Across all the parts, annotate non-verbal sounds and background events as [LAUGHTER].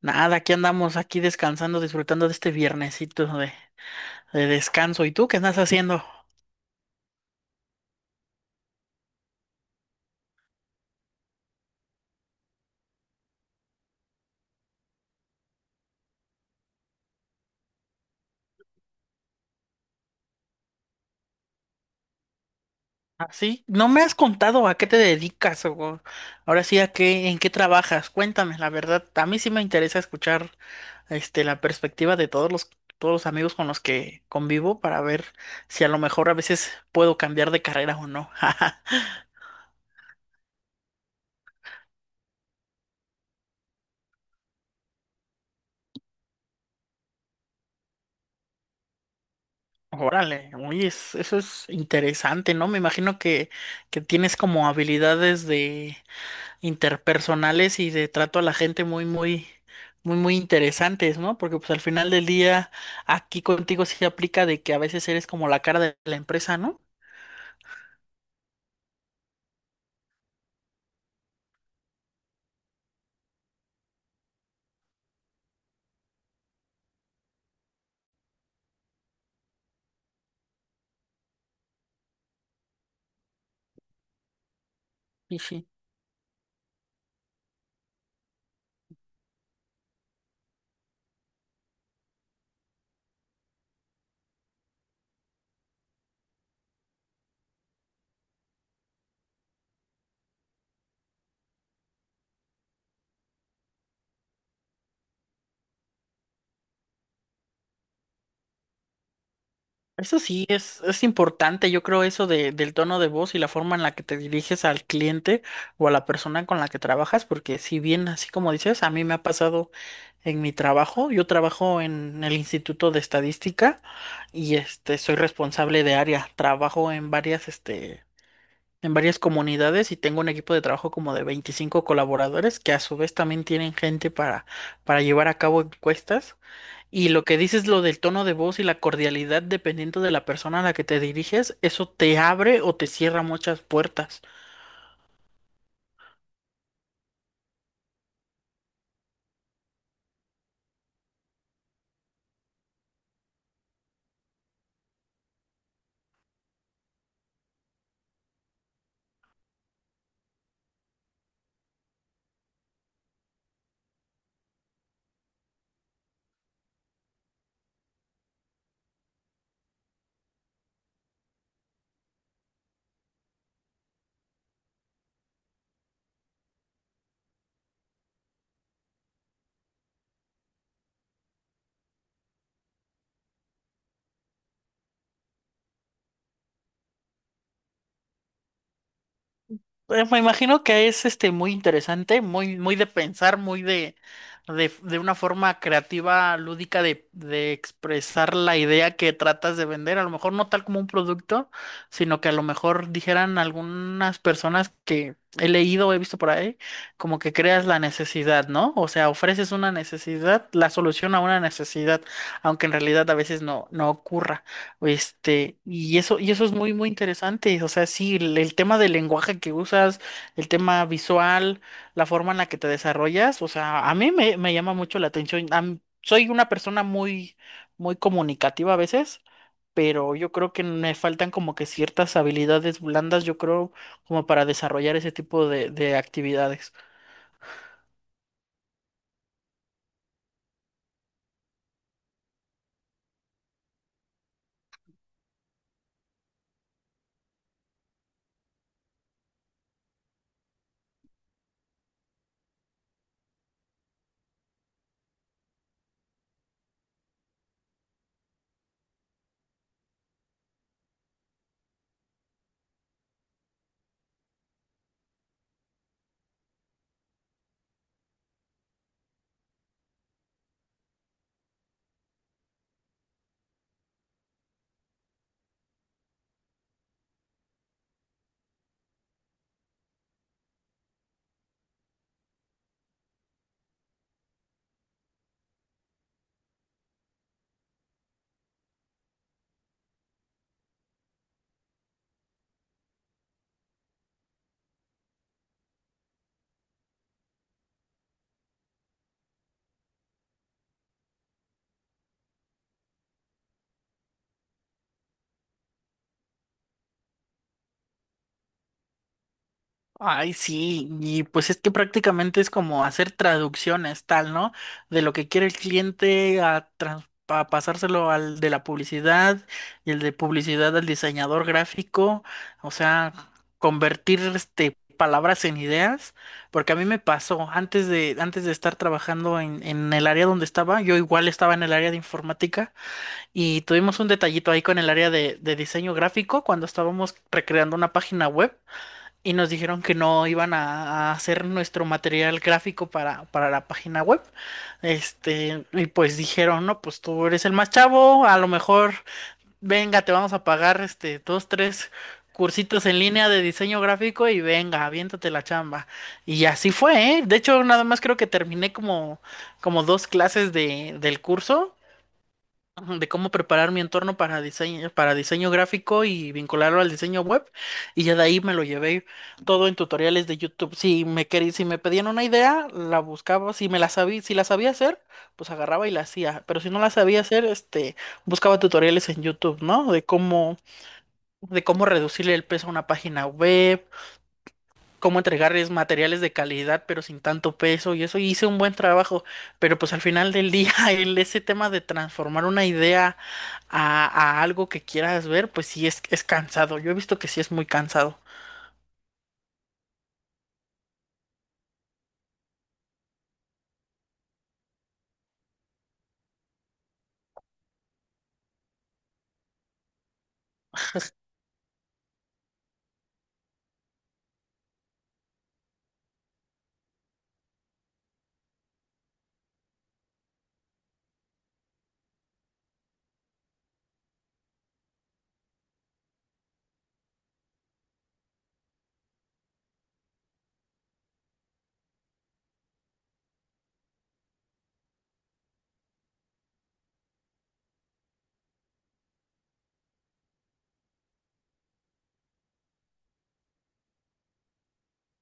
Nada, aquí andamos, aquí descansando, disfrutando de este viernesito de descanso. ¿Y tú qué estás haciendo? Así, no me has contado a qué te dedicas o ahora sí a qué, en qué trabajas. Cuéntame, la verdad, a mí sí me interesa escuchar la perspectiva de todos los amigos con los que convivo para ver si a lo mejor a veces puedo cambiar de carrera o no. [LAUGHS] Órale, oye, eso es interesante, ¿no? Me imagino que tienes como habilidades de interpersonales y de trato a la gente muy interesantes, ¿no? Porque pues al final del día aquí contigo sí aplica de que a veces eres como la cara de la empresa, ¿no? Y sí. Eso sí, es importante, yo creo eso del tono de voz y la forma en la que te diriges al cliente o a la persona con la que trabajas, porque si bien, así como dices, a mí me ha pasado en mi trabajo. Yo trabajo en el Instituto de Estadística y soy responsable de área, trabajo en varias en varias comunidades y tengo un equipo de trabajo como de 25 colaboradores que a su vez también tienen gente para llevar a cabo encuestas. Y lo que dices, lo del tono de voz y la cordialidad dependiendo de la persona a la que te diriges, eso te abre o te cierra muchas puertas. Me imagino que es muy interesante, muy de pensar, muy de una forma creativa, lúdica de expresar la idea que tratas de vender. A lo mejor no tal como un producto, sino que a lo mejor dijeran algunas personas que he leído, o he visto por ahí, como que creas la necesidad, ¿no? O sea, ofreces una necesidad, la solución a una necesidad, aunque en realidad a veces no, no ocurra. Y eso es muy interesante. O sea, sí, el tema del lenguaje que usas, el tema visual, la forma en la que te desarrollas. O sea, a mí me llama mucho la atención. Soy una persona muy comunicativa a veces, pero yo creo que me faltan como que ciertas habilidades blandas, yo creo, como para desarrollar ese tipo de actividades. Ay, sí, y pues es que prácticamente es como hacer traducciones, tal, ¿no? De lo que quiere el cliente a, a pasárselo al de la publicidad y el de publicidad al diseñador gráfico. O sea, convertir palabras en ideas, porque a mí me pasó antes de estar trabajando en el área donde estaba. Yo igual estaba en el área de informática y tuvimos un detallito ahí con el área de diseño gráfico cuando estábamos recreando una página web y nos dijeron que no iban a hacer nuestro material gráfico para la página web. Y pues dijeron, no, pues tú eres el más chavo, a lo mejor, venga, te vamos a pagar dos, tres cursitos en línea de diseño gráfico y venga, aviéntate la chamba. Y así fue, ¿eh? De hecho, nada más creo que terminé como dos clases del curso. Ajá, de cómo preparar mi entorno para diseño gráfico y vincularlo al diseño web. Y ya de ahí me lo llevé todo en tutoriales de YouTube. Si si me pedían una idea, la buscaba. Si la sabía hacer, pues agarraba y la hacía. Pero si no la sabía hacer, buscaba tutoriales en YouTube, ¿no? De cómo reducirle el peso a una página web, cómo entregarles materiales de calidad, pero sin tanto peso. Y eso, hice un buen trabajo. Pero pues al final del día, [LAUGHS] ese tema de transformar una idea a algo que quieras ver, pues sí es cansado. Yo he visto que sí es muy cansado.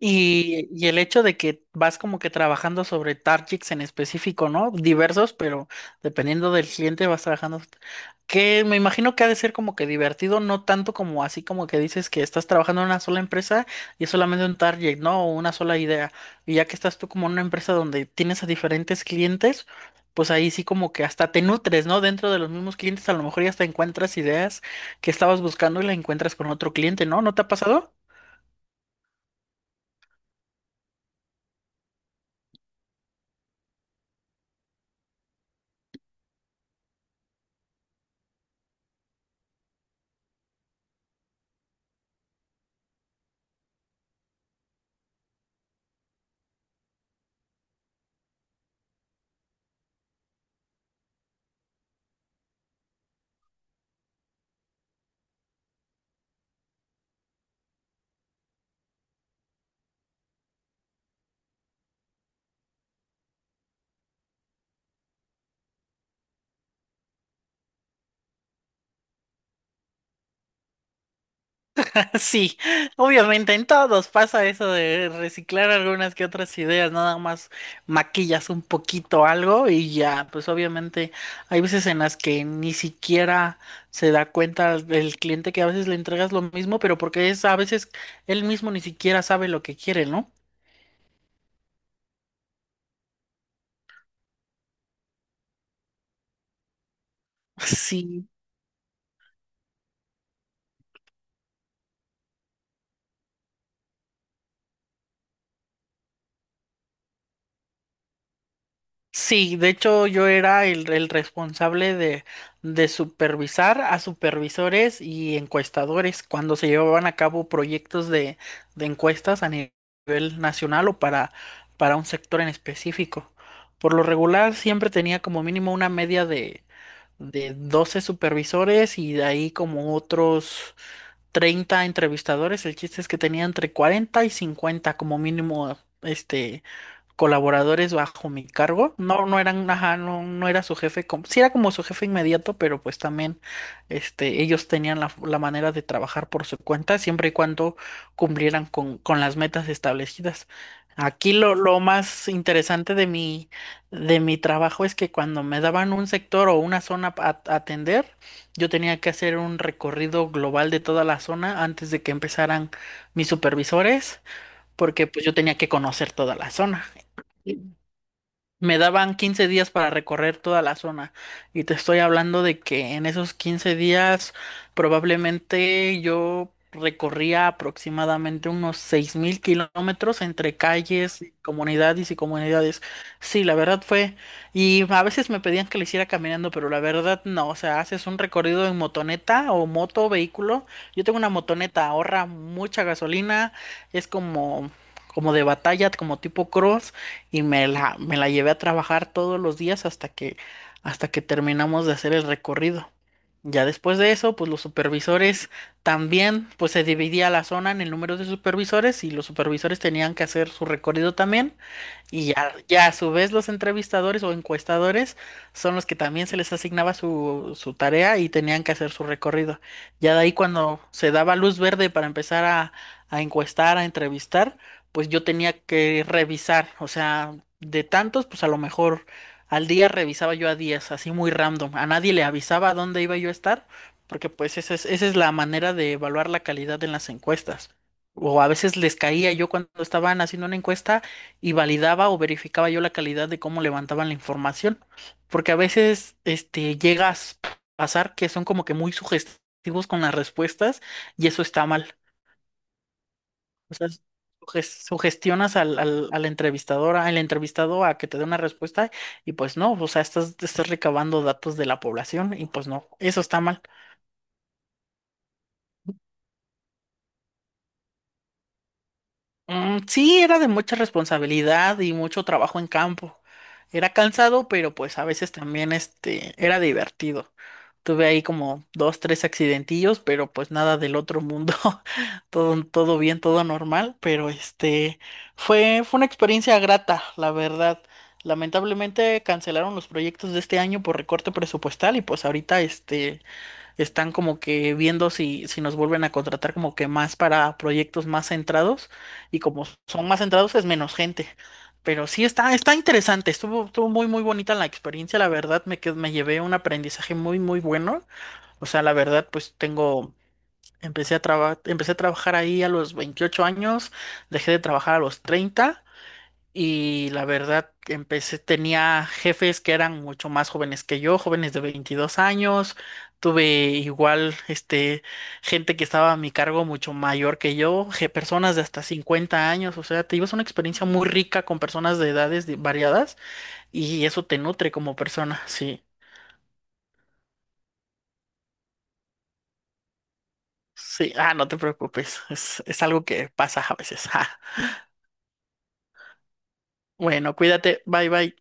Y el hecho de que vas como que trabajando sobre targets en específico, ¿no? Diversos, pero dependiendo del cliente vas trabajando. Que me imagino que ha de ser como que divertido, no tanto como así como que dices que estás trabajando en una sola empresa y es solamente un target, ¿no? O una sola idea. Y ya que estás tú como en una empresa donde tienes a diferentes clientes, pues ahí sí como que hasta te nutres, ¿no? Dentro de los mismos clientes a lo mejor ya hasta encuentras ideas que estabas buscando y la encuentras con otro cliente, ¿no? ¿No te ha pasado? [LAUGHS] Sí, obviamente en todos pasa eso de reciclar algunas que otras ideas, nada más maquillas un poquito algo y ya, pues obviamente hay veces en las que ni siquiera se da cuenta el cliente que a veces le entregas lo mismo, pero porque es a veces él mismo ni siquiera sabe lo que quiere, ¿no? [LAUGHS] Sí. Sí, de hecho yo era el responsable de supervisar a supervisores y encuestadores cuando se llevaban a cabo proyectos de encuestas a nivel nacional o para un sector en específico. Por lo regular siempre tenía como mínimo una media de 12 supervisores y de ahí como otros 30 entrevistadores. El chiste es que tenía entre 40 y 50 como mínimo colaboradores bajo mi cargo. No, no eran, ajá, no, no era su jefe, como, sí era como su jefe inmediato, pero pues también ellos tenían la manera de trabajar por su cuenta, siempre y cuando cumplieran con las metas establecidas. Aquí lo más interesante de de mi trabajo es que cuando me daban un sector o una zona a atender, yo tenía que hacer un recorrido global de toda la zona antes de que empezaran mis supervisores, porque pues yo tenía que conocer toda la zona. Me daban 15 días para recorrer toda la zona y te estoy hablando de que en esos 15 días probablemente yo recorría aproximadamente unos 6.000 kilómetros entre calles, comunidades y comunidades. Sí, la verdad fue, y a veces me pedían que lo hiciera caminando, pero la verdad no. O sea, haces un recorrido en motoneta o moto, vehículo. Yo tengo una motoneta, ahorra mucha gasolina, es como... como de batalla, como tipo cross, y me la llevé a trabajar todos los días hasta que terminamos de hacer el recorrido. Ya después de eso, pues los supervisores también, pues se dividía la zona en el número de supervisores y los supervisores tenían que hacer su recorrido también. Ya a su vez los entrevistadores o encuestadores son los que también se les asignaba su tarea y tenían que hacer su recorrido. Ya de ahí cuando se daba luz verde para empezar a encuestar, a entrevistar, pues yo tenía que revisar. O sea, de tantos, pues a lo mejor al día revisaba yo a 10, así muy random. A nadie le avisaba a dónde iba yo a estar, porque pues esa esa es la manera de evaluar la calidad en las encuestas. O a veces les caía yo cuando estaban haciendo una encuesta y validaba o verificaba yo la calidad de cómo levantaban la información, porque a veces llegas a pasar que son como que muy sugestivos con las respuestas y eso está mal. O sea, sugestionas al entrevistador, al entrevistado a que te dé una respuesta y pues no. O sea, estás, estás recabando datos de la población y pues no, eso está mal. Mm, sí, era de mucha responsabilidad y mucho trabajo en campo. Era cansado, pero pues a veces también era divertido. Tuve ahí como dos, tres accidentillos, pero pues nada del otro mundo. [LAUGHS] Todo, todo bien, todo normal, pero fue, fue una experiencia grata, la verdad. Lamentablemente cancelaron los proyectos de este año por recorte presupuestal y pues ahorita están como que viendo si, si nos vuelven a contratar como que más para proyectos más centrados, y como son más centrados es menos gente. Pero sí está, está interesante, estuvo, estuvo muy muy bonita la experiencia. La verdad me llevé un aprendizaje muy muy bueno. O sea, la verdad pues tengo, empecé a trabajar ahí a los 28 años, dejé de trabajar a los 30 y la verdad, empecé, tenía jefes que eran mucho más jóvenes que yo, jóvenes de 22 años. Tuve igual, gente que estaba a mi cargo mucho mayor que yo, personas de hasta 50 años. O sea, te llevas una experiencia muy rica con personas de edades variadas y eso te nutre como persona. Sí, sí. Ah, no te preocupes. Es algo que pasa a veces. [LAUGHS] Ah. Bueno, cuídate. Bye, bye.